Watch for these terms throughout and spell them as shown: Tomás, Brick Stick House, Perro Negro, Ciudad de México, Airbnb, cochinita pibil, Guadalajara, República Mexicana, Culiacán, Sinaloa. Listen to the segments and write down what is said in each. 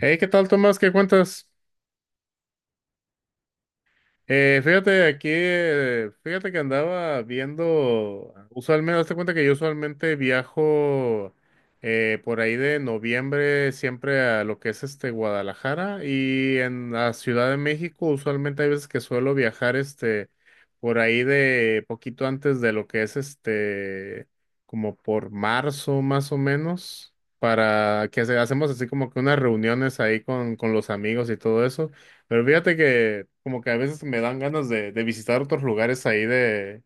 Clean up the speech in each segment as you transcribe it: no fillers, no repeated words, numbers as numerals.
Hey, ¿qué tal, Tomás? ¿Qué cuentas? Fíjate aquí, fíjate que andaba viendo, usualmente, hazte cuenta que yo usualmente viajo por ahí de noviembre siempre a lo que es Guadalajara y en la Ciudad de México usualmente hay veces que suelo viajar por ahí de poquito antes de lo que es como por marzo más o menos para que hacemos así como que unas reuniones ahí con los amigos y todo eso. Pero fíjate que como que a veces me dan ganas de visitar otros lugares ahí de,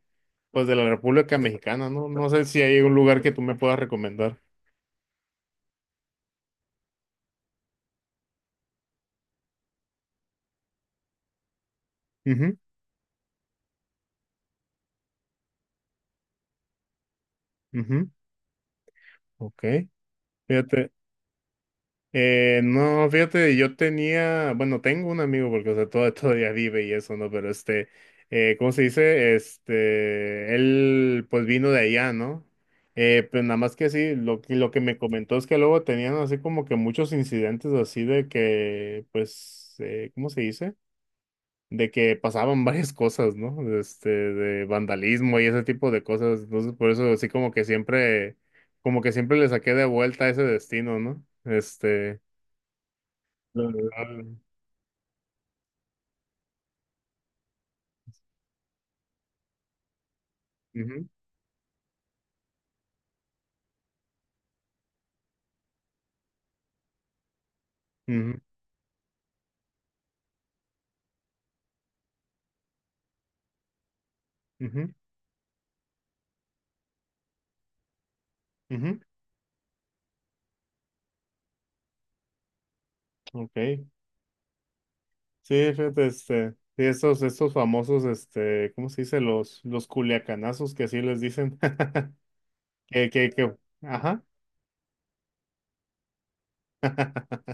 pues de la República Mexicana, ¿no? No sé si hay un lugar que tú me puedas recomendar. Ujú, ujú. Ok. Fíjate. No, fíjate, yo tenía, bueno, tengo un amigo porque, o sea, todo, todavía vive y eso, ¿no? Pero ¿cómo se dice? Él pues vino de allá, ¿no? Pero nada más que sí, lo que me comentó es que luego tenían así como que muchos incidentes así de que, pues, ¿cómo se dice? De que pasaban varias cosas, ¿no? De vandalismo y ese tipo de cosas. Entonces, por eso así como que siempre le saqué de vuelta ese destino, ¿no? La- la- Ujú, ujú, ujú, ujú. Ok. Sí, fíjate, sí, estos famosos, ¿cómo se dice? Los culiacanazos que así les dicen. Que, que, que, ajá.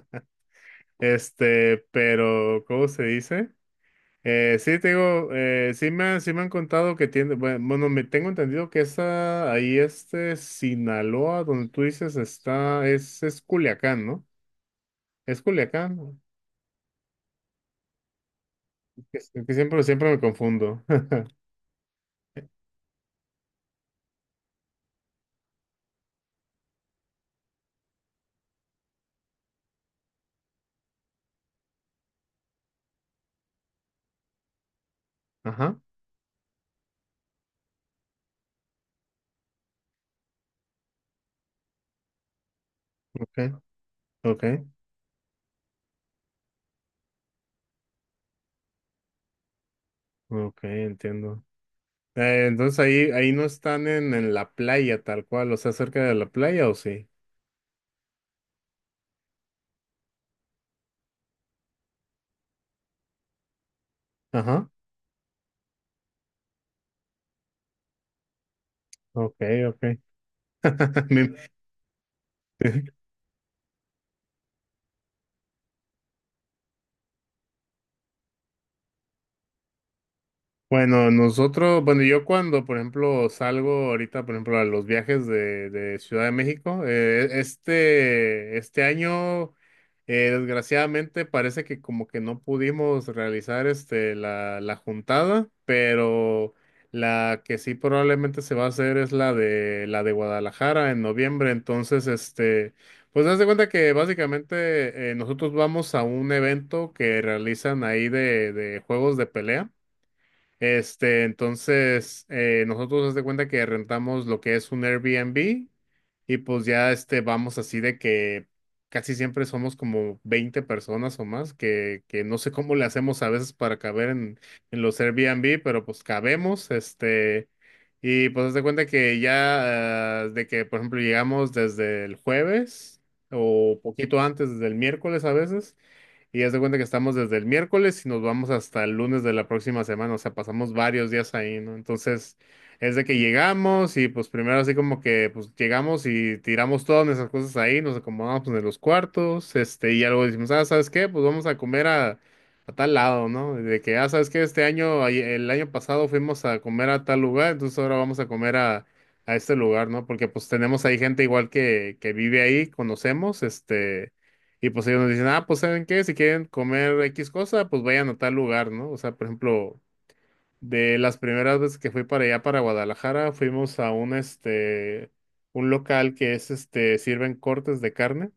Pero, ¿cómo se dice? Sí, te digo, sí sí me han contado que tiene, bueno, me tengo entendido que esa, ahí Sinaloa, donde tú dices, es Culiacán, ¿no? Es Culiacán, ¿no? que, que siempre me confundo. Ajá. Okay, okay, okay, entiendo. Entonces ahí no están en la playa tal cual, o sea, cerca de la playa o sí. Ajá, okay, okay. Me- Bueno, yo cuando, por ejemplo, salgo ahorita, por ejemplo, a los viajes de Ciudad de México, este año, desgraciadamente, parece que como que no pudimos realizar la juntada, pero la que sí probablemente se va a hacer es la de Guadalajara en noviembre, entonces, pues haz de cuenta que básicamente nosotros vamos a un evento que realizan ahí de juegos de pelea. Entonces, nosotros haz de cuenta que rentamos lo que es un Airbnb y pues ya vamos así de que casi siempre somos como 20 personas o más, que no sé cómo le hacemos a veces para caber en los Airbnb, pero pues cabemos, y pues haz de cuenta que ya, de que, por ejemplo, llegamos desde el jueves o poquito antes, desde el miércoles a veces. Y haz de cuenta que estamos desde el miércoles y nos vamos hasta el lunes de la próxima semana, o sea, pasamos varios días ahí, ¿no? Entonces, es de que llegamos y pues primero así como que pues llegamos y tiramos todas nuestras cosas ahí, nos acomodamos pues, en los cuartos, y algo decimos, ah, ¿sabes qué? Pues vamos a comer a tal lado, ¿no? De que, ah, ¿sabes qué? El año pasado fuimos a comer a tal lugar, entonces ahora vamos a comer a este lugar, ¿no? Porque pues tenemos ahí gente igual que vive ahí, conocemos. Y pues ellos nos dicen, ah, pues ¿saben qué? Si quieren comer X cosa, pues vayan a tal lugar, ¿no? O sea, por ejemplo, de las primeras veces que fui para allá, para Guadalajara, fuimos a un local que es, sirven cortes de carne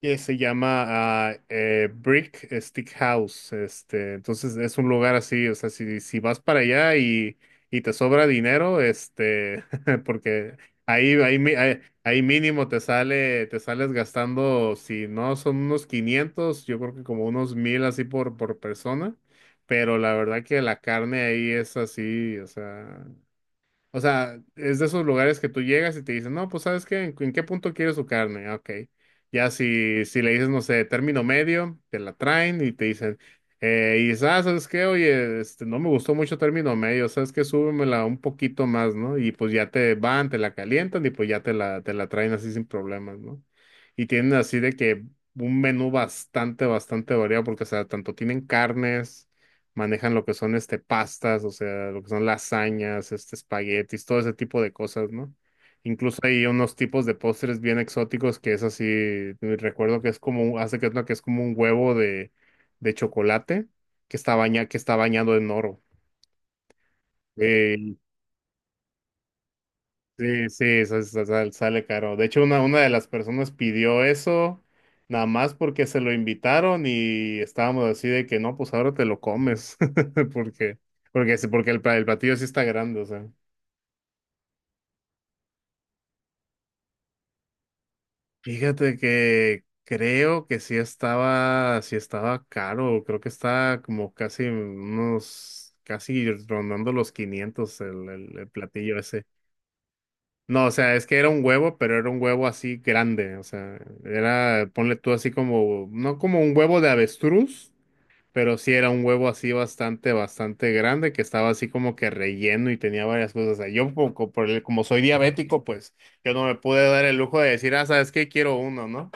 que se llama Brick Stick House. Entonces es un lugar así, o sea, si vas para allá y te sobra dinero, porque ahí mínimo te sales gastando, si no son unos 500, yo creo que como unos 1,000 así por persona. Pero la verdad que la carne ahí es así, o sea. O sea, es de esos lugares que tú llegas y te dicen, no, pues ¿sabes qué? ¿En qué punto quieres su carne? Ah, Ok. Ya si le dices, no sé, término medio, te la traen y te dicen, y ¿sabes qué? Oye, no me gustó mucho término medio, ¿sabes qué? Súbemela un poquito más, ¿no? Y pues ya te la calientan y pues ya te la traen así sin problemas, ¿no? Y tienen así de que un menú bastante, bastante variado porque, o sea, tanto tienen carnes manejan lo que son pastas, o sea, lo que son lasañas, espaguetis, todo ese tipo de cosas, ¿no? Incluso hay unos tipos de postres bien exóticos que es así, recuerdo que es como, hace que es una que es como un huevo de chocolate que está bañado en oro. Eh, Sí, sí, sale caro. De hecho, una de las personas pidió eso nada más porque se lo invitaron y estábamos así de que no, pues ahora te lo comes. Porque, porque, sí- porque el, pla- el platillo sí está grande, o sea. Fíjate que creo que sí estaba caro. Creo que está como casi rondando los 500 el platillo. No, o sea, es que era un huevo, pero era un huevo así grande, o sea, era, ponle tú así como, no como un huevo de avestruz, pero sí era un huevo así bastante, bastante grande, que estaba así como que relleno y tenía varias cosas. O sea, yo como, como por el- como soy diabético, pues yo no me pude dar el lujo de decir, ah, ¿sabes qué? Quiero uno, ¿no?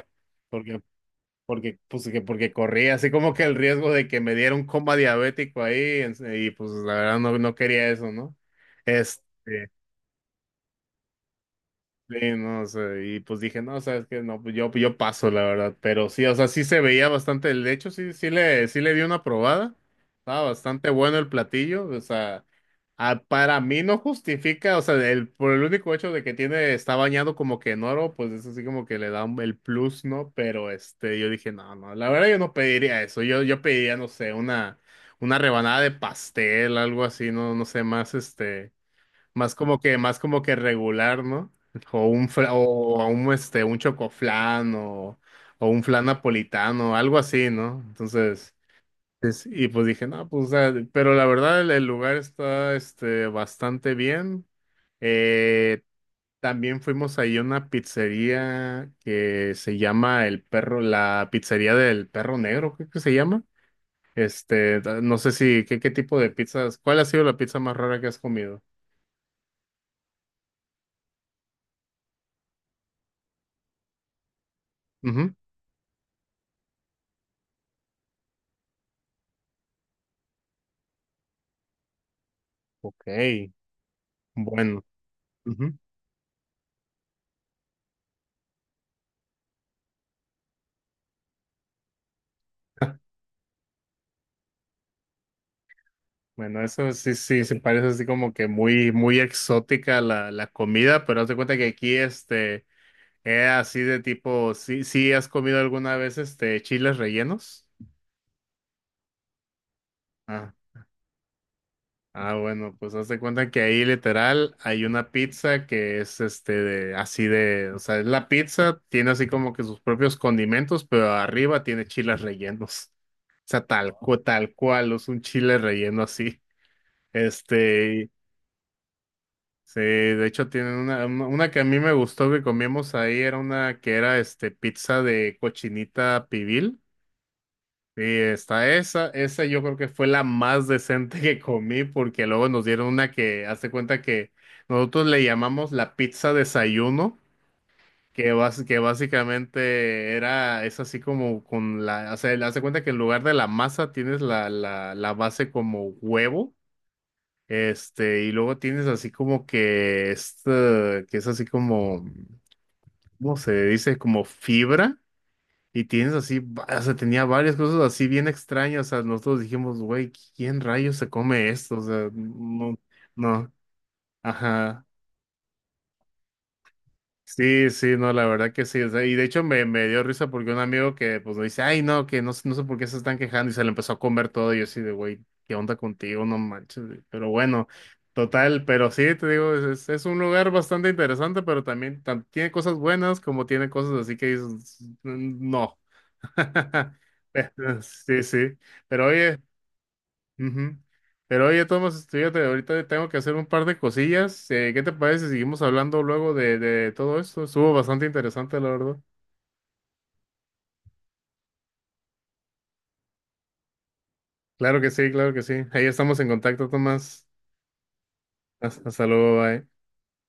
Porque, porque corría así como que el riesgo de que me diera un coma diabético ahí, y pues la verdad no, no quería eso, ¿no? Este, Sí, no, sé, y pues dije, no, sabes que no, pues yo paso, la verdad, pero sí, o sea, sí se veía bastante, de hecho, sí le di una probada, estaba bastante bueno el platillo, o sea, para mí no justifica, o sea, el, por el único hecho de que tiene, está bañado como que en oro, pues eso sí como que le da el plus, ¿no? Pero yo dije, no, no, la verdad yo no pediría eso, yo pediría, no sé, una rebanada de pastel, algo así, no, no sé, más. Más como que regular, ¿no? O un chocoflán o un flan napolitano, algo así, ¿no? Entonces, y pues dije, no, pues, o sea, pero la verdad el lugar está bastante bien. Eh, También fuimos ahí a una pizzería que se llama El Perro, la pizzería del Perro Negro, creo que se llama. No sé si, ¿qué tipo de pizzas? ¿Cuál ha sido la pizza más rara que has comido? Ujú. Ok. Bueno, ujú. Bueno, eso sí, sí, se parece así como que muy, muy exótica la comida, pero haz de cuenta que aquí, es así de tipo, sí has comido alguna vez, chiles rellenos. Ah, ah, bueno, pues haz de cuenta que ahí literal hay una pizza que es, o sea, es la pizza, tiene así como que sus propios condimentos, pero arriba tiene chiles rellenos. O sea, tal cual, es un chile relleno así. Este, Sí, de hecho tienen una que a mí me gustó que comimos ahí, era una que era pizza de cochinita pibil. Sí, está esa yo creo que fue la más decente que comí porque luego nos dieron una que, hazte cuenta que nosotros le llamamos la pizza desayuno, que básicamente es así como o sea, hazte cuenta que en lugar de la masa tienes la base como huevo. Y luego tienes así como que esta, que es así como, ¿cómo se dice? Como fibra, y tienes así, o sea, tenía varias cosas así bien extrañas, o sea, nosotros dijimos, güey, ¿quién rayos se come esto? O sea, no, no, ajá. Sí, sí, no, la verdad que sí. O sea, y de hecho me dio risa porque un amigo que pues me dice, ay, no, que no, no sé por qué se están quejando y se le empezó a comer todo y yo así de, güey, ¿qué onda contigo? No manches. Güey". Pero bueno, total, pero sí, te digo, es un lugar bastante interesante, pero también tiene cosas buenas como tiene cosas así que dices, "Mm, no. Sí, sí. Pero oye. Ujú. Pero oye, Tomás, fíjate, ahorita tengo que hacer un par de cosillas. ¿Qué te parece si seguimos hablando luego de todo esto? Estuvo bastante interesante, la verdad. Claro que sí, claro que sí. Ahí estamos en contacto, Tomás. Hasta luego, bye.